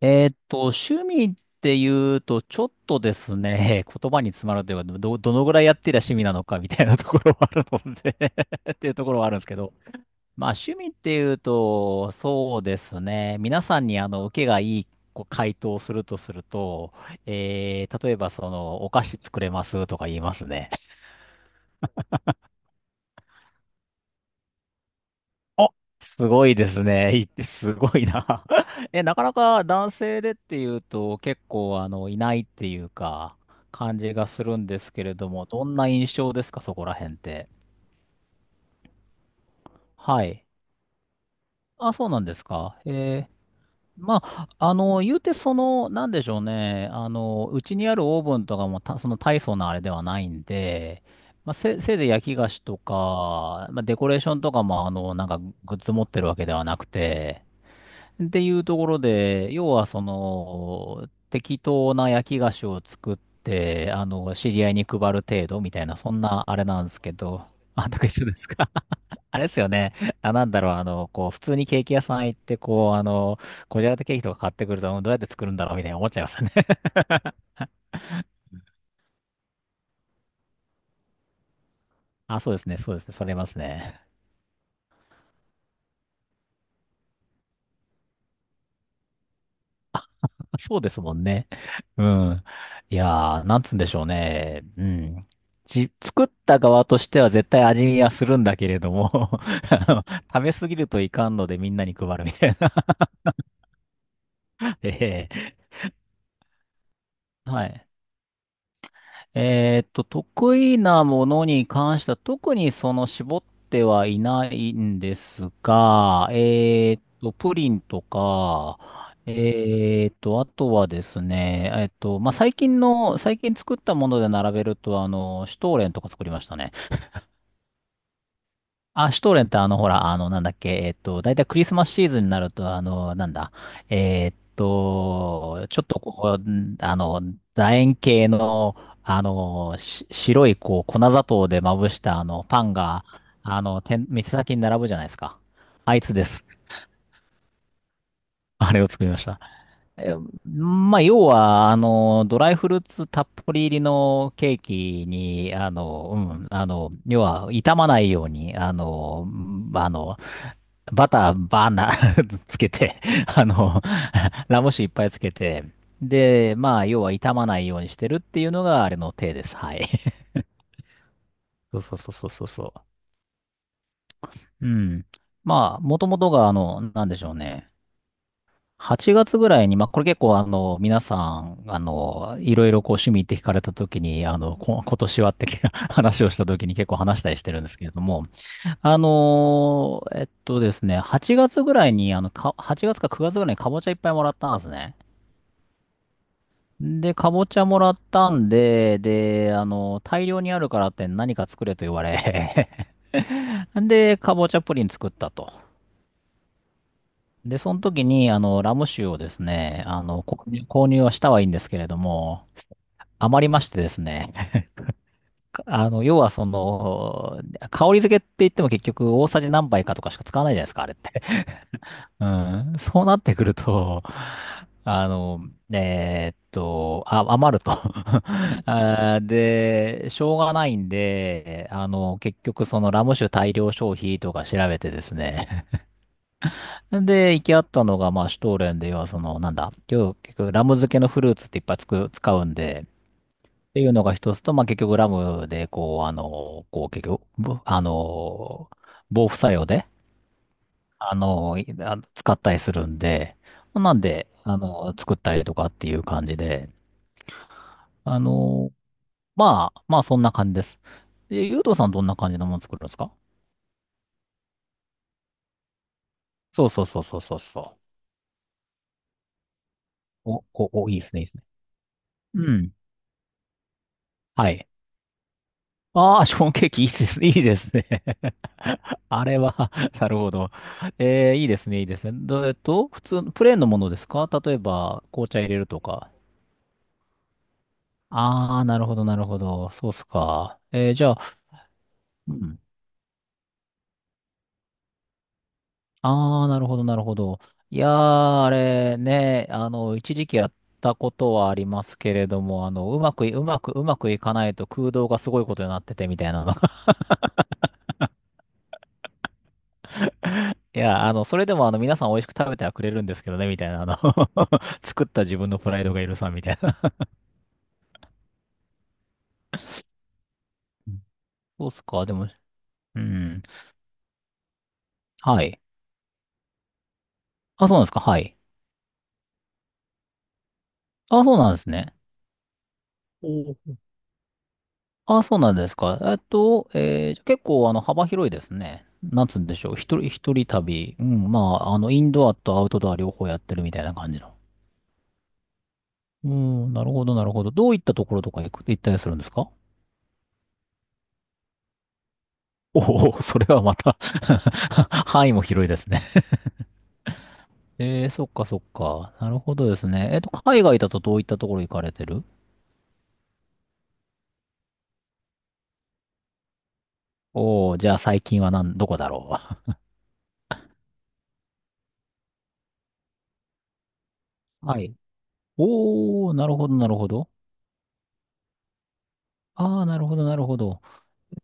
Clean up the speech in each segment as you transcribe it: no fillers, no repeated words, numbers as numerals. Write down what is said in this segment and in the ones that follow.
趣味っていうと、ちょっとですね、言葉に詰まるというか、どのぐらいやってりゃ趣味なのかみたいなところはあるので っていうところはあるんですけど、まあ趣味っていうと、そうですね、皆さんに受けがいいこう回答をすると、例えばその、お菓子作れますとか言いますね。あ、すごいですね。いい、すごいな。え、なかなか男性でっていうと結構いないっていうか、感じがするんですけれども、どんな印象ですか、そこら辺って。はい。あ、そうなんですか。えー、まあ、言うてその、なんでしょうね。うちにあるオーブンとかもた、その大層なあれではないんで、まあ、せいぜい焼き菓子とか、まあ、デコレーションとかも、なんかグッズ持ってるわけではなくて、っていうところで、要はその、適当な焼き菓子を作って、知り合いに配る程度みたいな、そんなあれなんですけど、あ、なんか一緒ですか？ あれですよね。あ、なんだろう、普通にケーキ屋さん行って、こじゃれたケーキとか買ってくると、うん、どうやって作るんだろうみたいな思っちゃいますね。あ、そうですね、そうですね、それますね。そうですもんね。うん。いやー、なんつうんでしょうね。うん。作った側としては絶対味見はするんだけれども、 あの食べすぎるといかんのでみんなに配るみたいな。ええ、はい。得意なものに関しては特にその絞ってはいないんですが、プリンとか、えーっと、あとはですね、えーっと、まあ、最近作ったもので並べると、シュトーレンとか作りましたね。あ、シュトーレンってなんだっけ、だいたいクリスマスシーズンになると、なんだ、ちょっとこう、楕円形の、し白い、こう、粉砂糖でまぶした、パンが、店先に並ぶじゃないですか。あいつです。あれを作りました。え、まあ、要は、ドライフルーツたっぷり入りのケーキに、要は、傷まないように、んあの、バターバーナー つけて、あの、ラム酒いっぱいつけて、で、まあ、要は傷まないようにしてるっていうのが、あれの手です。はい。そうそうそうそうそうそう。うん。まあ、もともとが、なんでしょうね。8月ぐらいに、まあ、これ結構、皆さん、あの、いろいろこう、趣味って聞かれた時に、今年はって 話をした時に結構話したりしてるんですけれども、あのーえっとですね、8月ぐらいに、8月か9月ぐらいにかぼちゃいっぱいもらったんですね。で、かぼちゃもらったんで、で、大量にあるからって何か作れと言われ、 で、かぼちゃプリン作ったと。で、その時に、ラム酒をですね、購入はしたはいいんですけれども、余りましてですね、かあの、要はその、香り付けって言っても結局大さじ何杯かとかしか使わないじゃないですか、あれって。うん、そうなってくると、あの、余ると、 あー、で、しょうがないんで、結局そのラム酒大量消費とか調べてですね。で、行き合ったのが、まあ、シュトーレンで、要はその、なんだ、今日結局ラム漬けのフルーツっていっぱいつく、使うんで、っていうのが一つと、まあ、結局ラムで、結局、ぶあの、防腐作用で、使ったりするんで、なんで、作ったりとかっていう感じで、あの、まあそんな感じです。で、ゆうとさん、どんな感じのもの作るんですか？そうそうそうそうそうそう。お、お、お、いいですね、いいですね。うん。はい。ああ、ショーンケーキいいですね、いいですね。あれは なるほど。えー、いいですね、いいですね。ど、普通の、プレーンのものですか？例えば、紅茶入れるとか。ああ、なるほど、なるほど。そうっすか。えー、じゃあ、うん、ああ、なるほど、なるほど。いやー、あれね、一時期やったことはありますけれども、うまくいかないと空洞がすごいことになっててみたいなのが。いや、あの、それでもあの、皆さん美味しく食べてはくれるんですけどね、みたいな、作った自分のプライドが許さんみたいな。うん。 そうっすか、でも、うん。はい。あ、そうなんですか、はい。あ、そうなんですね。お、あ、そうなんですか。じゃあ結構あの幅広いですね。なんつうんでしょう。一人旅。うん、まあ、インドアとアウトドア両方やってるみたいな感じの。うん、なるほど、なるほど。どういったところとか行ったりするんですか？おおー、それはまた 範囲も広いですね。えー、そっかそっか。なるほどですね。海外だとどういったところ行かれてる？おおー、じゃあ最近はなん、どこだろう。はい。おお、なるほど、なるほど。ああ、なるほど、なるほど。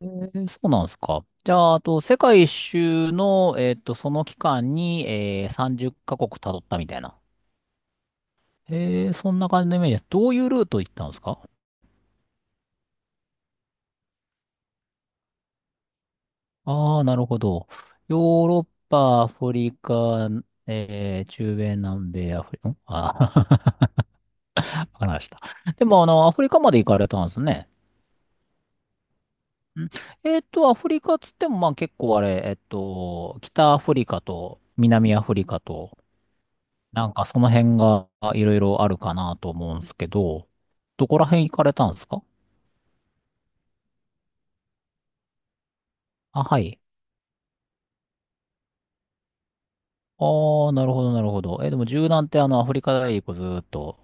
えー、そうなんですか。じゃあ、あと、世界一周の、その期間に、えー、30カ国辿ったみたいな。えー、そんな感じのイメージです。どういうルート行ったんですか？ああー、なるほど。ヨーロッパ、アフリカ、中米、南米、アフリカ、あー、わかりました。でも、アフリカまで行かれたんですね。ん、アフリカっつっても、まあ結構あれ、北アフリカと南アフリカと、なんかその辺がいろいろあるかなと思うんですけど、どこら辺行かれたんですか？あ、はい。ああ、なるほど、なるほど。え、でも柔軟ってアフリカ大陸ずーっと。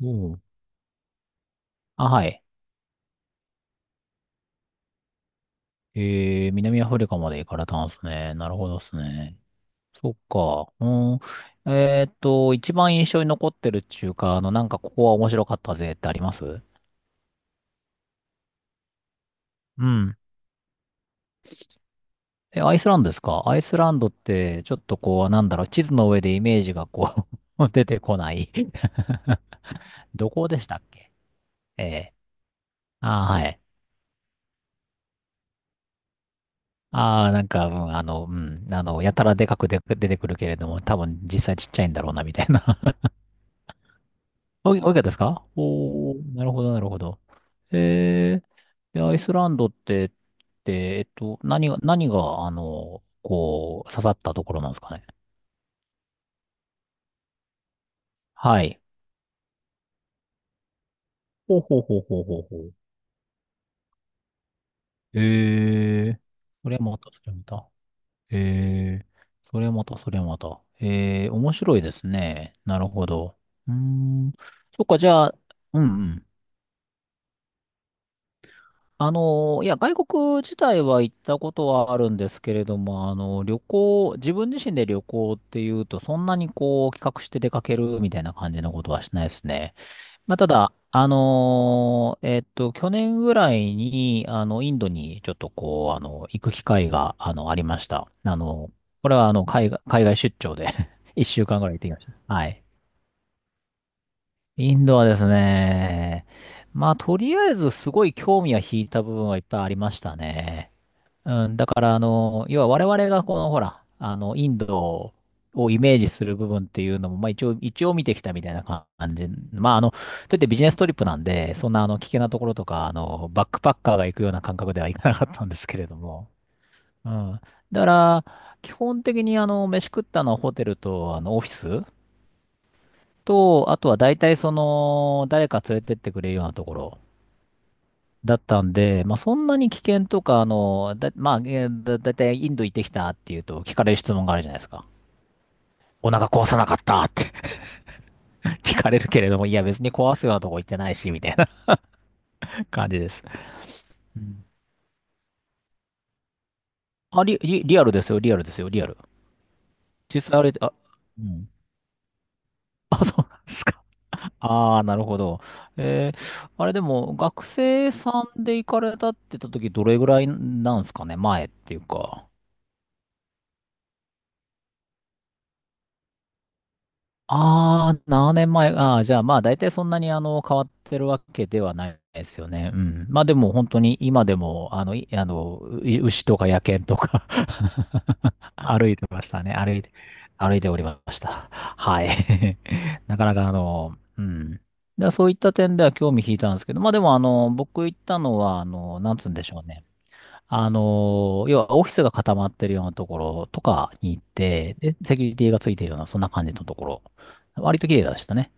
うん。あ、はい。えー、南アフリカまで行かれたんですね。なるほどですね。そっか。うん。一番印象に残ってるっていうか、なんかここは面白かったぜってあります？うん。え、アイスランドですか？アイスランドって、ちょっとこう、なんだろう、地図の上でイメージがこう、 出てこない。 どこでしたっけ？ええ。ああ、はい。ああ、なんか、うん、やたらでかくで出てくるけれども、多分実際ちっちゃいんだろうな、みたいな。おい、おいかったですか？おおー、なるほど、なるほど。ええ、でアイスランドって、で、何が、刺さったところなんですかね？はい。ほうほうほうほうほうほう。ええ、これはまた、それはまた。ええ、それまた、それまた。ええ、面白いですね。なるほど。うーん。そっか、じゃあ、うんうん。いや、外国自体は行ったことはあるんですけれども、旅行、自分自身で旅行っていうと、そんなにこう、企画して出かけるみたいな感じのことはしないですね。まあ、ただ、去年ぐらいに、インドにちょっとこう、行く機会が、ありました。これは、海外出張で 一週間ぐらい行ってきました。はい。インドはですね、まあ、とりあえずすごい興味は引いた部分はいっぱいありましたね。うん、だから、要は我々がこの、ほら、インドをイメージする部分っていうのも、まあ一応、一応見てきたみたいな感じ。まあ、といってビジネストリップなんで、そんな、危険なところとか、バックパッカーが行くような感覚ではいかなかったんですけれども。うん。だから、基本的に、飯食ったのはホテルと、オフィスと、あとは大体その、誰か連れてってくれるようなところ。だったんで、まあ、そんなに危険とか、まあ、だいたいインド行ってきたっていうと聞かれる質問があるじゃないですか。お腹壊さなかったって 聞かれるけれども、いや別に壊すようなとこ行ってないし、みたいな 感じです。うん。あ、リアルですよ、リアルですよ、リアル。実際あれ、あ、うん。あ、そうなんですか。ああ、なるほど。えー、あれでも、学生さんで行かれたって言った時、どれぐらいなんですかね、前っていうか。ああ、7年前。ああ、じゃあまあ大体そんなにあの変わってるわけではないですよね。うん。まあでも本当に今でも牛とか野犬とか 歩いてましたね。歩いて、歩いておりました。はい。なかなかあの、うん。だそういった点では興味引いたんですけど、まあでもあの、僕行ったのはあの、なんつうんでしょうね。要はオフィスが固まってるようなところとかに行って、で、セキュリティがついてるような、そんな感じのところ。割と綺麗でしたね。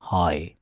はい。